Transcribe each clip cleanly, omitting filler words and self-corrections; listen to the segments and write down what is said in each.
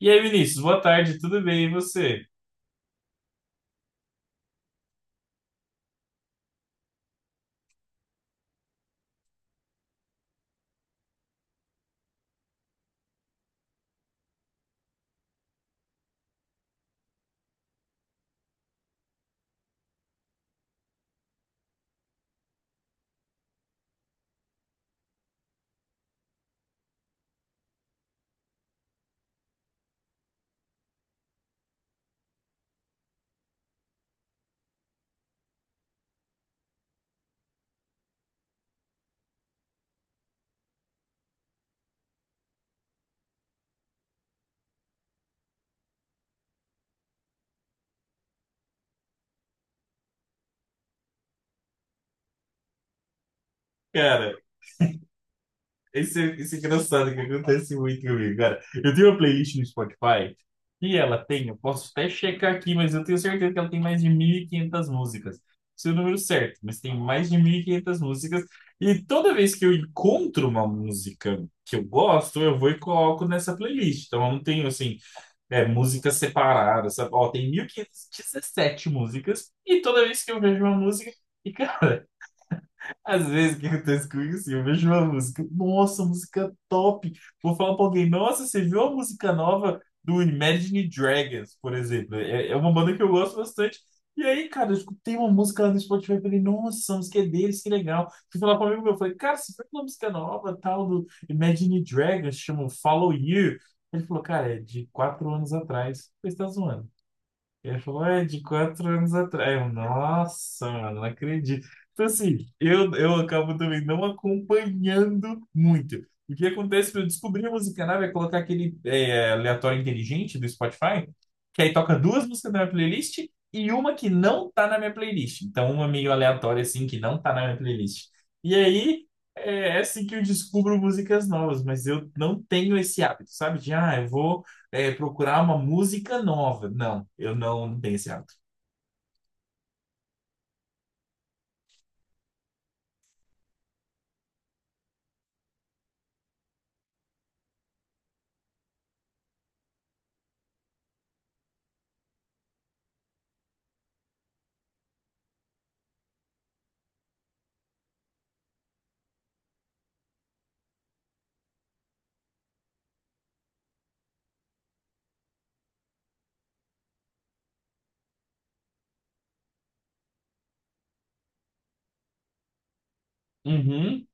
E aí, Vinícius, boa tarde, tudo bem? E você? Cara, Esse isso é engraçado, que acontece muito comigo, cara. Eu tenho uma playlist no Spotify e ela tem, eu posso até checar aqui, mas eu tenho certeza que ela tem mais de 1.500 músicas. Seu número certo, mas tem mais de 1.500 músicas. E toda vez que eu encontro uma música que eu gosto, eu vou e coloco nessa playlist. Então eu não tenho, assim, músicas separadas, sabe? Ó, tem 1.517 músicas e toda vez que eu vejo uma música. E, cara, às vezes o que acontece comigo, assim, eu vejo uma música, nossa, música top. Vou falar pra alguém, nossa, você viu a música nova do Imagine Dragons, por exemplo? É, é uma banda que eu gosto bastante. E aí, cara, eu escutei uma música lá no Spotify e falei, nossa, a música é deles, que legal. Fui falar pra um amigo meu, eu falei, cara, você viu uma música nova, tal, do Imagine Dragons, chama Follow You. Ele falou, cara, é de quatro anos atrás. Você tá zoando. Ele falou, é de quatro anos atrás. Eu, nossa, mano, não acredito. Então, assim, eu acabo também não acompanhando muito. O que acontece para eu descobrir a música nova é colocar aquele aleatório inteligente do Spotify, que aí toca duas músicas da minha playlist e uma que não tá na minha playlist. Então, uma meio aleatória, assim, que não tá na minha playlist. E aí, é assim que eu descubro músicas novas, mas eu não tenho esse hábito, sabe? De, ah, eu vou procurar uma música nova. Não, eu não tenho esse hábito. Uhum.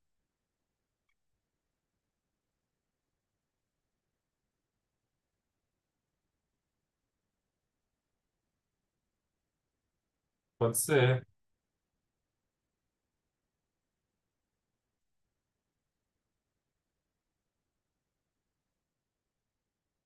Pode ser.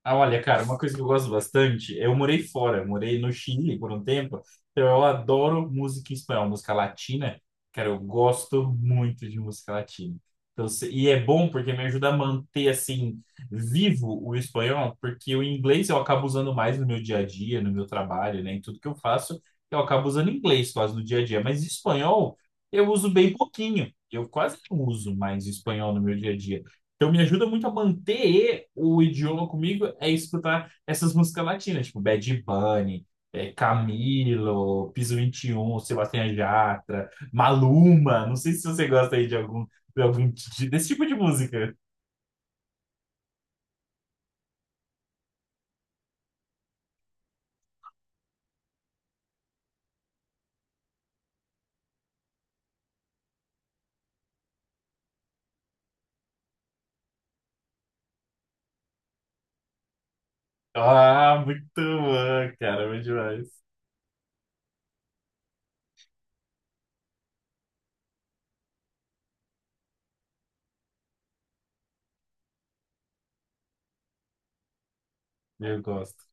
Ah, olha, cara, uma coisa que eu gosto bastante, eu morei fora, eu morei no Chile por um tempo, então eu adoro música em espanhol, música latina, cara, eu gosto muito de música latina. Então, e é bom porque me ajuda a manter, assim, vivo o espanhol, porque o inglês eu acabo usando mais no meu dia a dia, no meu trabalho, né, em tudo que eu faço, eu acabo usando inglês quase no dia a dia, mas espanhol eu uso bem pouquinho, eu quase não uso mais espanhol no meu dia a dia. Então me ajuda muito a manter o idioma comigo é escutar essas músicas latinas, tipo Bad Bunny, Camilo, Piso Vinte e Um, Sebastião Yatra, Maluma. Não sei se você gosta aí de algum, desse tipo de música. Ah, muito bom, cara, muito demais. Eu gosto.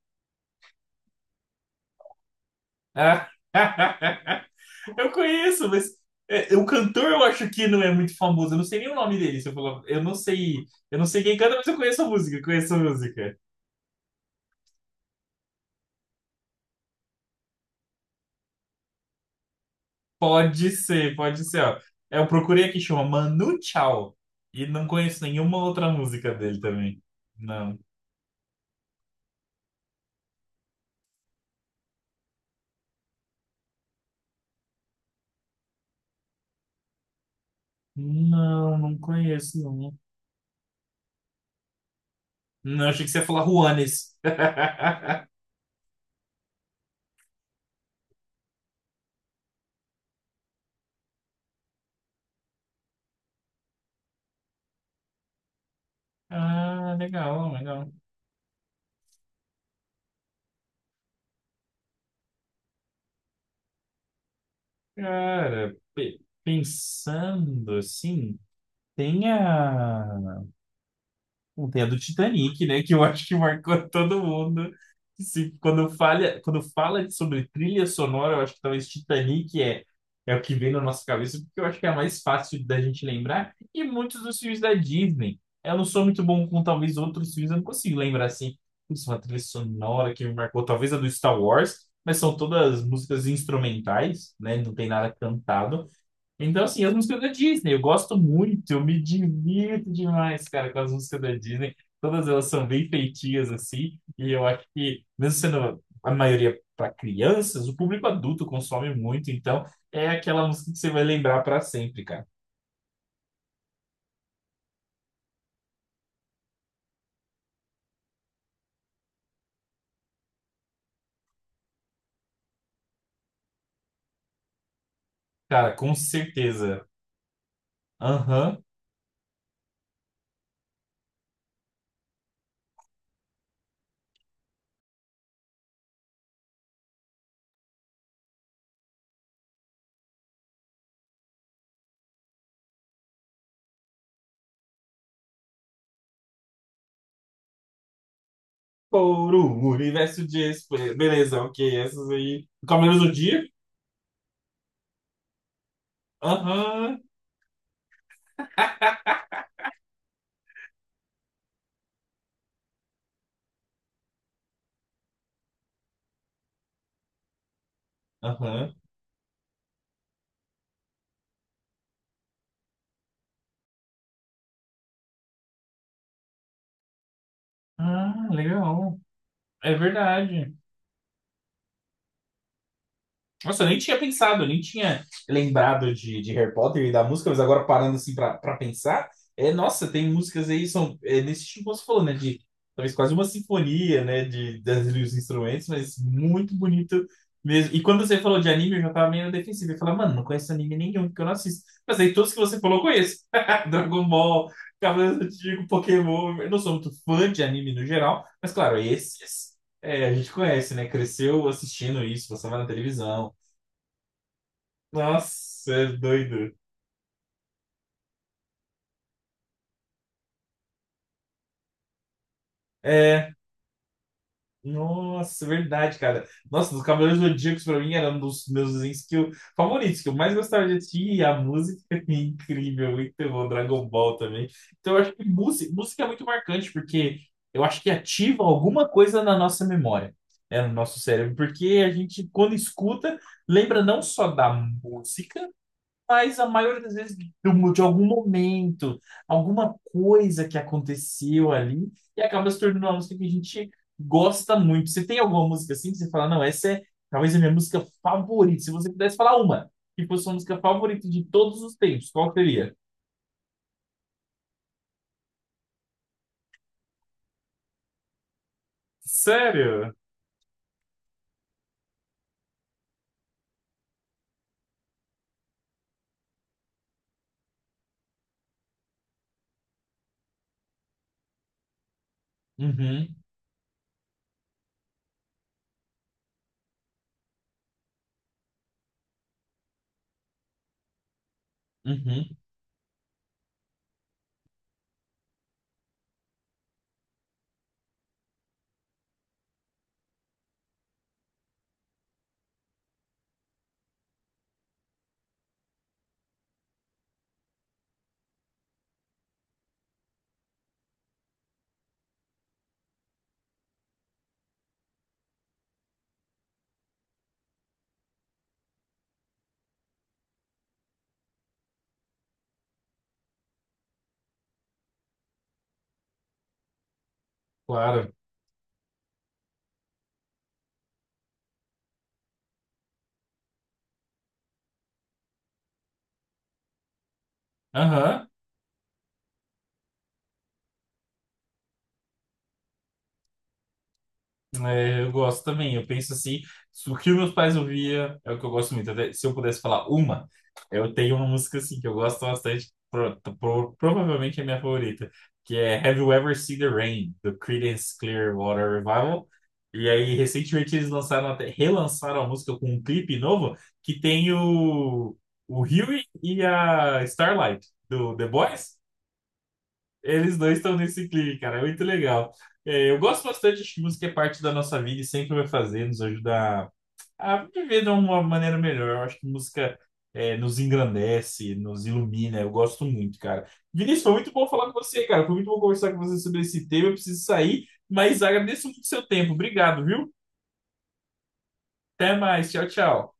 Ah, eu conheço, mas o cantor eu acho que não é muito famoso. Eu não sei nem o nome dele. Se eu falar, eu não sei quem canta, mas eu conheço a música, eu conheço a música. Pode ser, ó. Eu procurei aqui, chama Manu Chao. E não conheço nenhuma outra música dele também. Não. Não, não conheço, não. Não, achei que você ia falar Juanes. Ah, legal, legal. Cara, pensando assim, tem a... Não tem a do Titanic, né? Que eu acho que marcou todo mundo. Se, quando falha, quando fala sobre trilha sonora, eu acho que talvez Titanic é o que vem na nossa cabeça, porque eu acho que é a mais fácil da gente lembrar. E muitos dos filmes da Disney. Eu não sou muito bom com talvez outros filmes, eu não consigo lembrar assim. Putz, uma trilha sonora que me marcou, talvez a do Star Wars, mas são todas músicas instrumentais, né? Não tem nada cantado. Então, assim, as músicas da Disney, eu gosto muito, eu me divirto demais, cara, com as músicas da Disney. Todas elas são bem feitinhas, assim, e eu acho que, mesmo sendo a maioria para crianças, o público adulto consome muito, então é aquela música que você vai lembrar para sempre, cara. Cara, com certeza. Aham. Por um universo de esper... Beleza, ok, essas aí. Cavaleiros do Dia? Aham. Aham. Ah, legal. É verdade. Nossa, eu nem tinha pensado, eu nem tinha lembrado de Harry Potter e da música, mas agora parando assim pra pensar, nossa, tem músicas aí, nesse tipo que você falou, né? De talvez quase uma sinfonia, né? Dos instrumentos, mas muito bonito mesmo. E quando você falou de anime, eu já tava meio defensivo. Eu falei, mano, não conheço anime nenhum, porque eu não assisto. Mas aí todos que você falou, eu conheço. Dragon Ball, Cavaleiros do Zodíaco, Pokémon. Eu não sou muito fã de anime no geral, mas claro, esses. É, a gente conhece, né? Cresceu assistindo isso, passava na televisão. Nossa, é doido. É, nossa, verdade, cara. Nossa, dos Cavaleiros do Zodíaco pra mim era um dos meus desenhos que favoritos, que eu mais gostava de assistir. E a música é incrível, muito bom. Dragon Ball também. Então eu acho que música é muito marcante, porque eu acho que ativa alguma coisa na nossa memória, né, no nosso cérebro. Porque a gente, quando escuta, lembra não só da música, mas a maioria das vezes de algum momento, alguma coisa que aconteceu ali e acaba se tornando uma música que a gente gosta muito. Você tem alguma música assim que você fala, não, essa é talvez a minha música favorita. Se você pudesse falar uma, que fosse sua música favorita de todos os tempos, qual seria? Sério? Uhum, uhum, claro. Aham. É, eu gosto também. Eu penso assim, se o que meus pais ouvia é o que eu gosto muito. Até se eu pudesse falar uma, eu tenho uma música assim que eu gosto bastante, provavelmente é minha favorita, que é Have You Ever Seen the Rain, do Creedence Clearwater Revival. E aí, recentemente eles lançaram até, relançaram a música com um clipe novo que tem o Huey e a Starlight do The Boys. Eles dois estão nesse clipe, cara. É muito legal. É, eu gosto bastante, acho que música é parte da nossa vida e sempre vai fazer, nos ajuda a viver de uma maneira melhor. Eu acho que música nos engrandece, nos ilumina. Eu gosto muito, cara. Vinícius, foi muito bom falar com você, cara. Foi muito bom conversar com você sobre esse tema. Eu preciso sair, mas agradeço muito o seu tempo. Obrigado, viu? Até mais. Tchau, tchau.